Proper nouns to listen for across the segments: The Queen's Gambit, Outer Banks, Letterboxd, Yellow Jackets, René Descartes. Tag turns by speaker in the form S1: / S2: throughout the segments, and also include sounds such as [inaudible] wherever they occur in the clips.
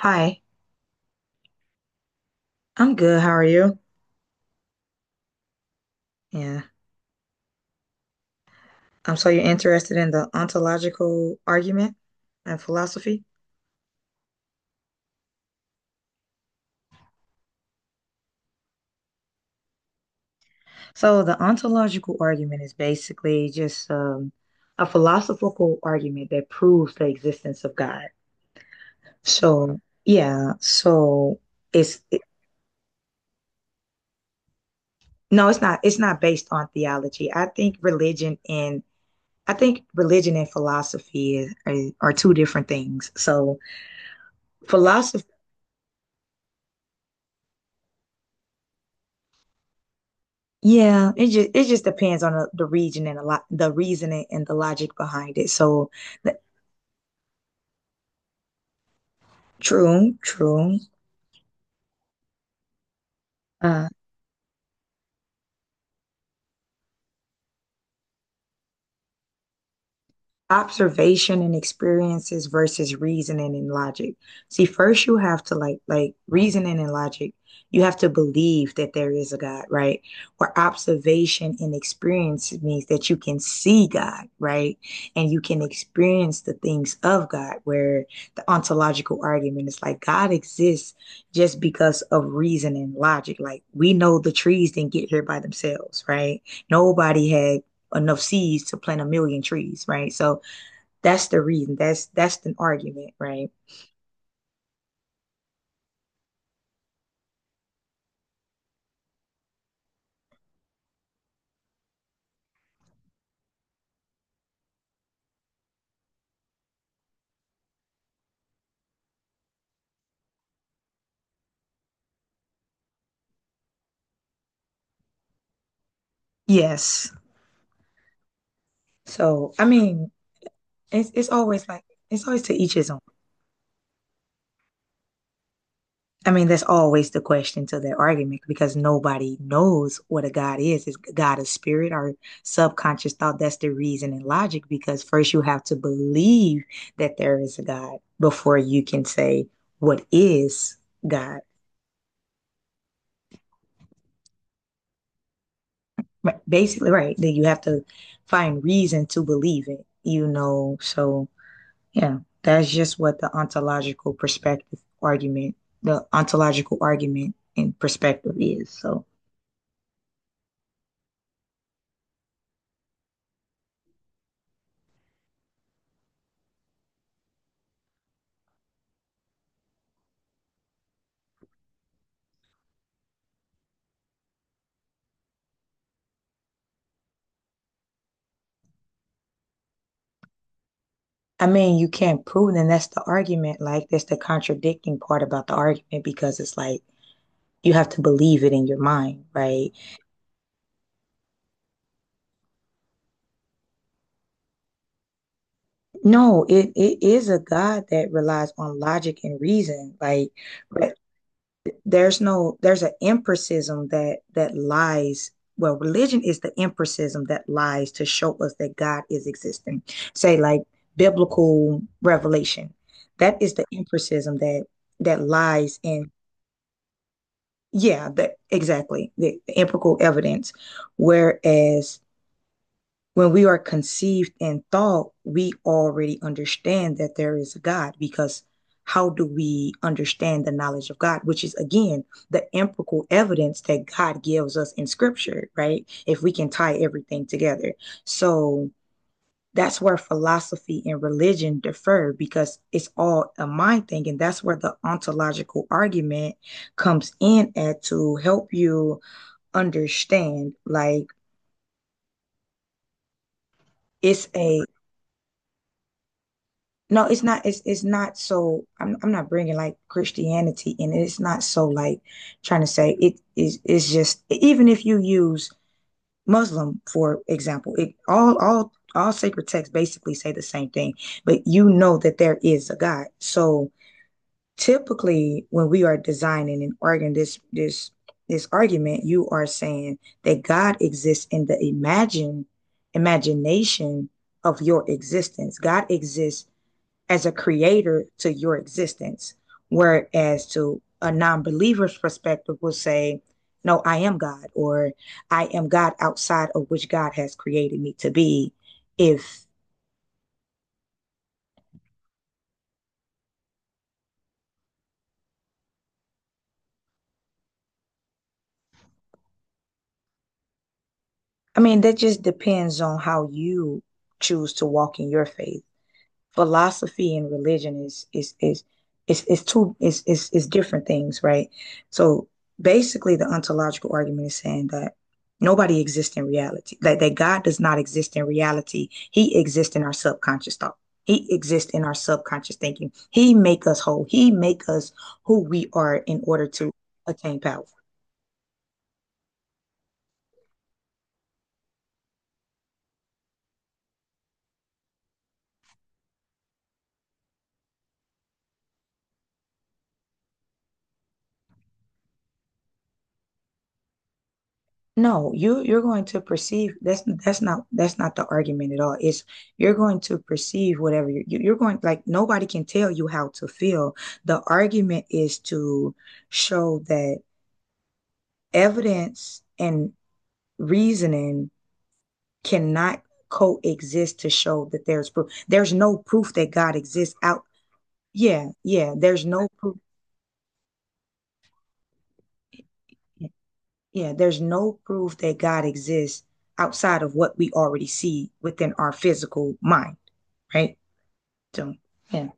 S1: Hi, I'm good. How are you? Yeah. So you're interested in the ontological argument and philosophy? So the ontological argument is basically just a philosophical argument that proves the existence of God. So yeah, so it's no, it's not. It's not based on theology. I think religion and I think religion and philosophy is, are two different things. So philosophy. Yeah, it just depends on the region and a lot the reasoning and the logic behind it. So, the, true, true. Uh, Observation and experiences versus reasoning and logic. See, first you have to like reasoning and logic. You have to believe that there is a God, right? Where observation and experience means that you can see God, right? And you can experience the things of God, where the ontological argument is like God exists just because of reason and logic. Like we know the trees didn't get here by themselves, right? Nobody had enough seeds to plant a million trees, right? So that's the reason. That's an argument, right? Yes. So I mean, it's always like it's always to each his own. I mean, that's always the question to that argument because nobody knows what a God is. Is God a spirit or subconscious thought? That's the reason and logic because first you have to believe that there is a God before you can say what is God. Right. Basically, right? That you have to find reason to believe it. You know, so yeah, that's just what the ontological perspective argument, the ontological argument and perspective is. So, I mean, you can't prove, it, and that's the argument. Like, that's the contradicting part about the argument because it's like you have to believe it in your mind, right? No, it is a God that relies on logic and reason. Like, there's no there's an empiricism that lies, well, religion is the empiricism that lies to show us that God is existing, say like biblical revelation. That is the empiricism that that lies in, yeah, that exactly the empirical evidence, whereas when we are conceived in thought, we already understand that there is a God because how do we understand the knowledge of God, which is again the empirical evidence that God gives us in scripture, right? If we can tie everything together. So that's where philosophy and religion differ because it's all a mind thing. And that's where the ontological argument comes in at to help you understand. Like it's a, no, it's not. It's not so. I'm not bringing like Christianity in it. It's not so like trying to say it is. It's just even if you use Muslim for example, it all sacred texts basically say the same thing. But you know that there is a God. So typically, when we are designing and arguing this argument, you are saying that God exists in the imagine imagination of your existence. God exists as a creator to your existence. Whereas to a non believer's perspective, will say, no, I am God, or I am God outside of which God has created me to be. If, I mean, that just depends on how you choose to walk in your faith. Philosophy and religion is two is different things, right? So basically the ontological argument is saying that nobody exists in reality. That God does not exist in reality. He exists in our subconscious thought. He exists in our subconscious thinking. He make us whole. He make us who we are in order to attain power. No, you're going to perceive that's not the argument at all. It's you're going to perceive whatever you're going, like nobody can tell you how to feel. The argument is to show that evidence and reasoning cannot coexist to show that there's proof. There's no proof that God exists out. Yeah, yeah, there's no proof. Yeah, there's no proof that God exists outside of what we already see within our physical mind, right? So, yeah,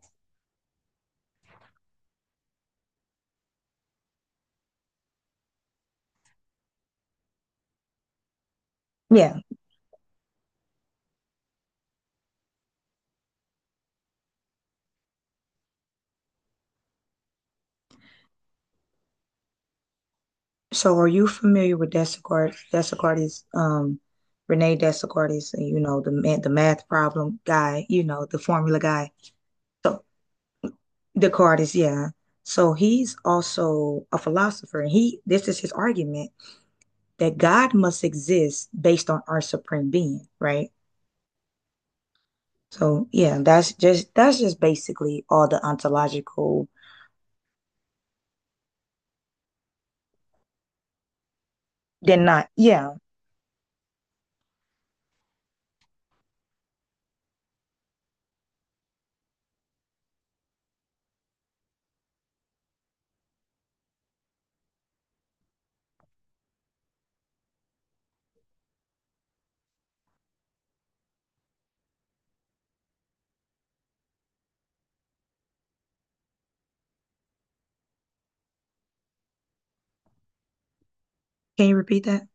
S1: yeah. So, are you familiar with Descartes? Descartes, Rene Descartes, you know, the the math problem guy, you know, the formula guy. So, Descartes, yeah. So he's also a philosopher, and he this is his argument that God must exist based on our supreme being, right? So, yeah, that's just basically all the ontological. Then not, yeah. Can you repeat that?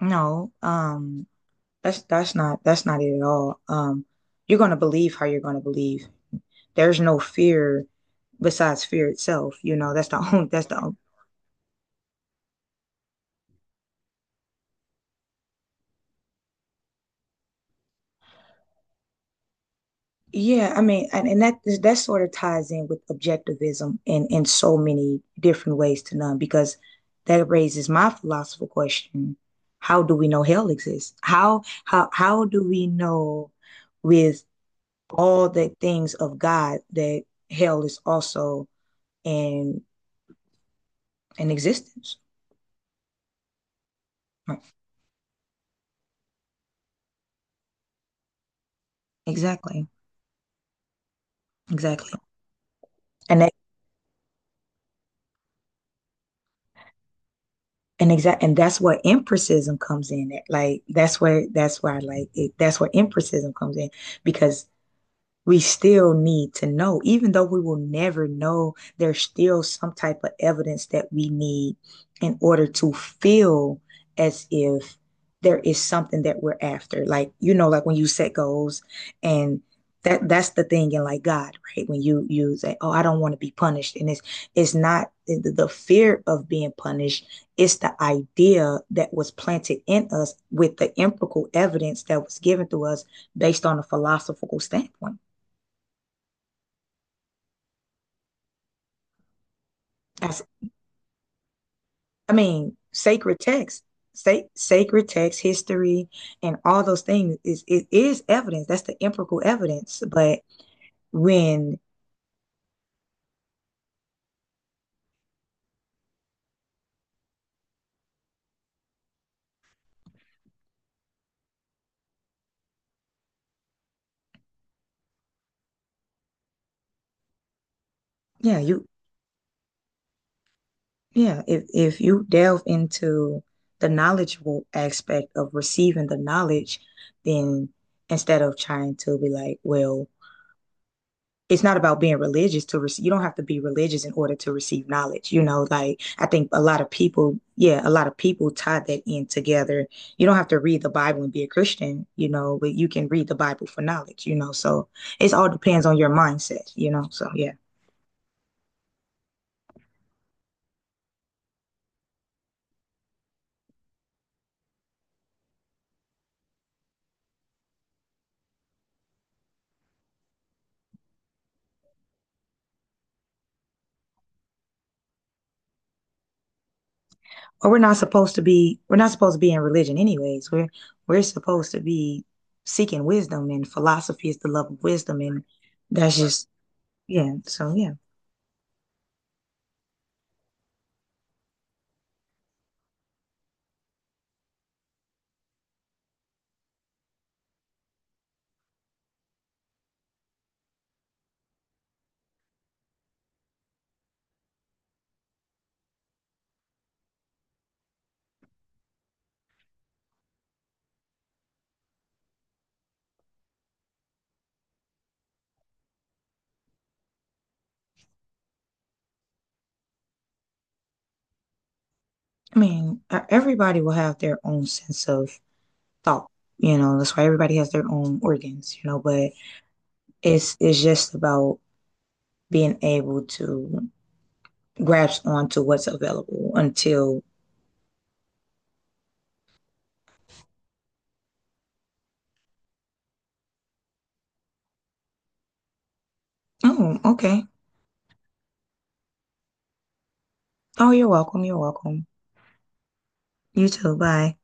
S1: No. That's not that's not it at all. You're gonna believe how you're gonna believe. There's no fear besides fear itself. You know, that's the [laughs] only yeah. I mean, and that that sort of ties in with objectivism in so many different ways to none because that raises my philosophical question: how do we know hell exists? How do we know with all the things of God that hell is also in in existence? Exactly. Exactly. And that and that's where empiricism comes in. Like that's where I like it. That's where empiricism comes in because we still need to know, even though we will never know, there's still some type of evidence that we need in order to feel as if there is something that we're after. Like, you know, like when you set goals and that's the thing in like God, right? When you say, oh, I don't want to be punished. And it's not the the fear of being punished, it's the idea that was planted in us with the empirical evidence that was given to us based on a philosophical standpoint. That's, I mean, sacred text, sacred text, history, and all those things is it is evidence. That's the empirical evidence. But when yeah, you yeah, if you delve into the knowledgeable aspect of receiving the knowledge, then instead of trying to be like, well, it's not about being religious to receive, you don't have to be religious in order to receive knowledge, you know, like I think a lot of people, yeah, a lot of people tie that in together. You don't have to read the Bible and be a Christian, you know, but you can read the Bible for knowledge, you know, so it all depends on your mindset, you know, so yeah, or we're not supposed to be, we're not supposed to be in religion anyways, we're supposed to be seeking wisdom, and philosophy is the love of wisdom, and that's just yeah so yeah. I mean, everybody will have their own sense of thought. You know, that's why everybody has their own organs, you know, but it's just about being able to grasp onto what's available until, oh, okay. Oh, you're welcome. You're welcome. You too. Bye.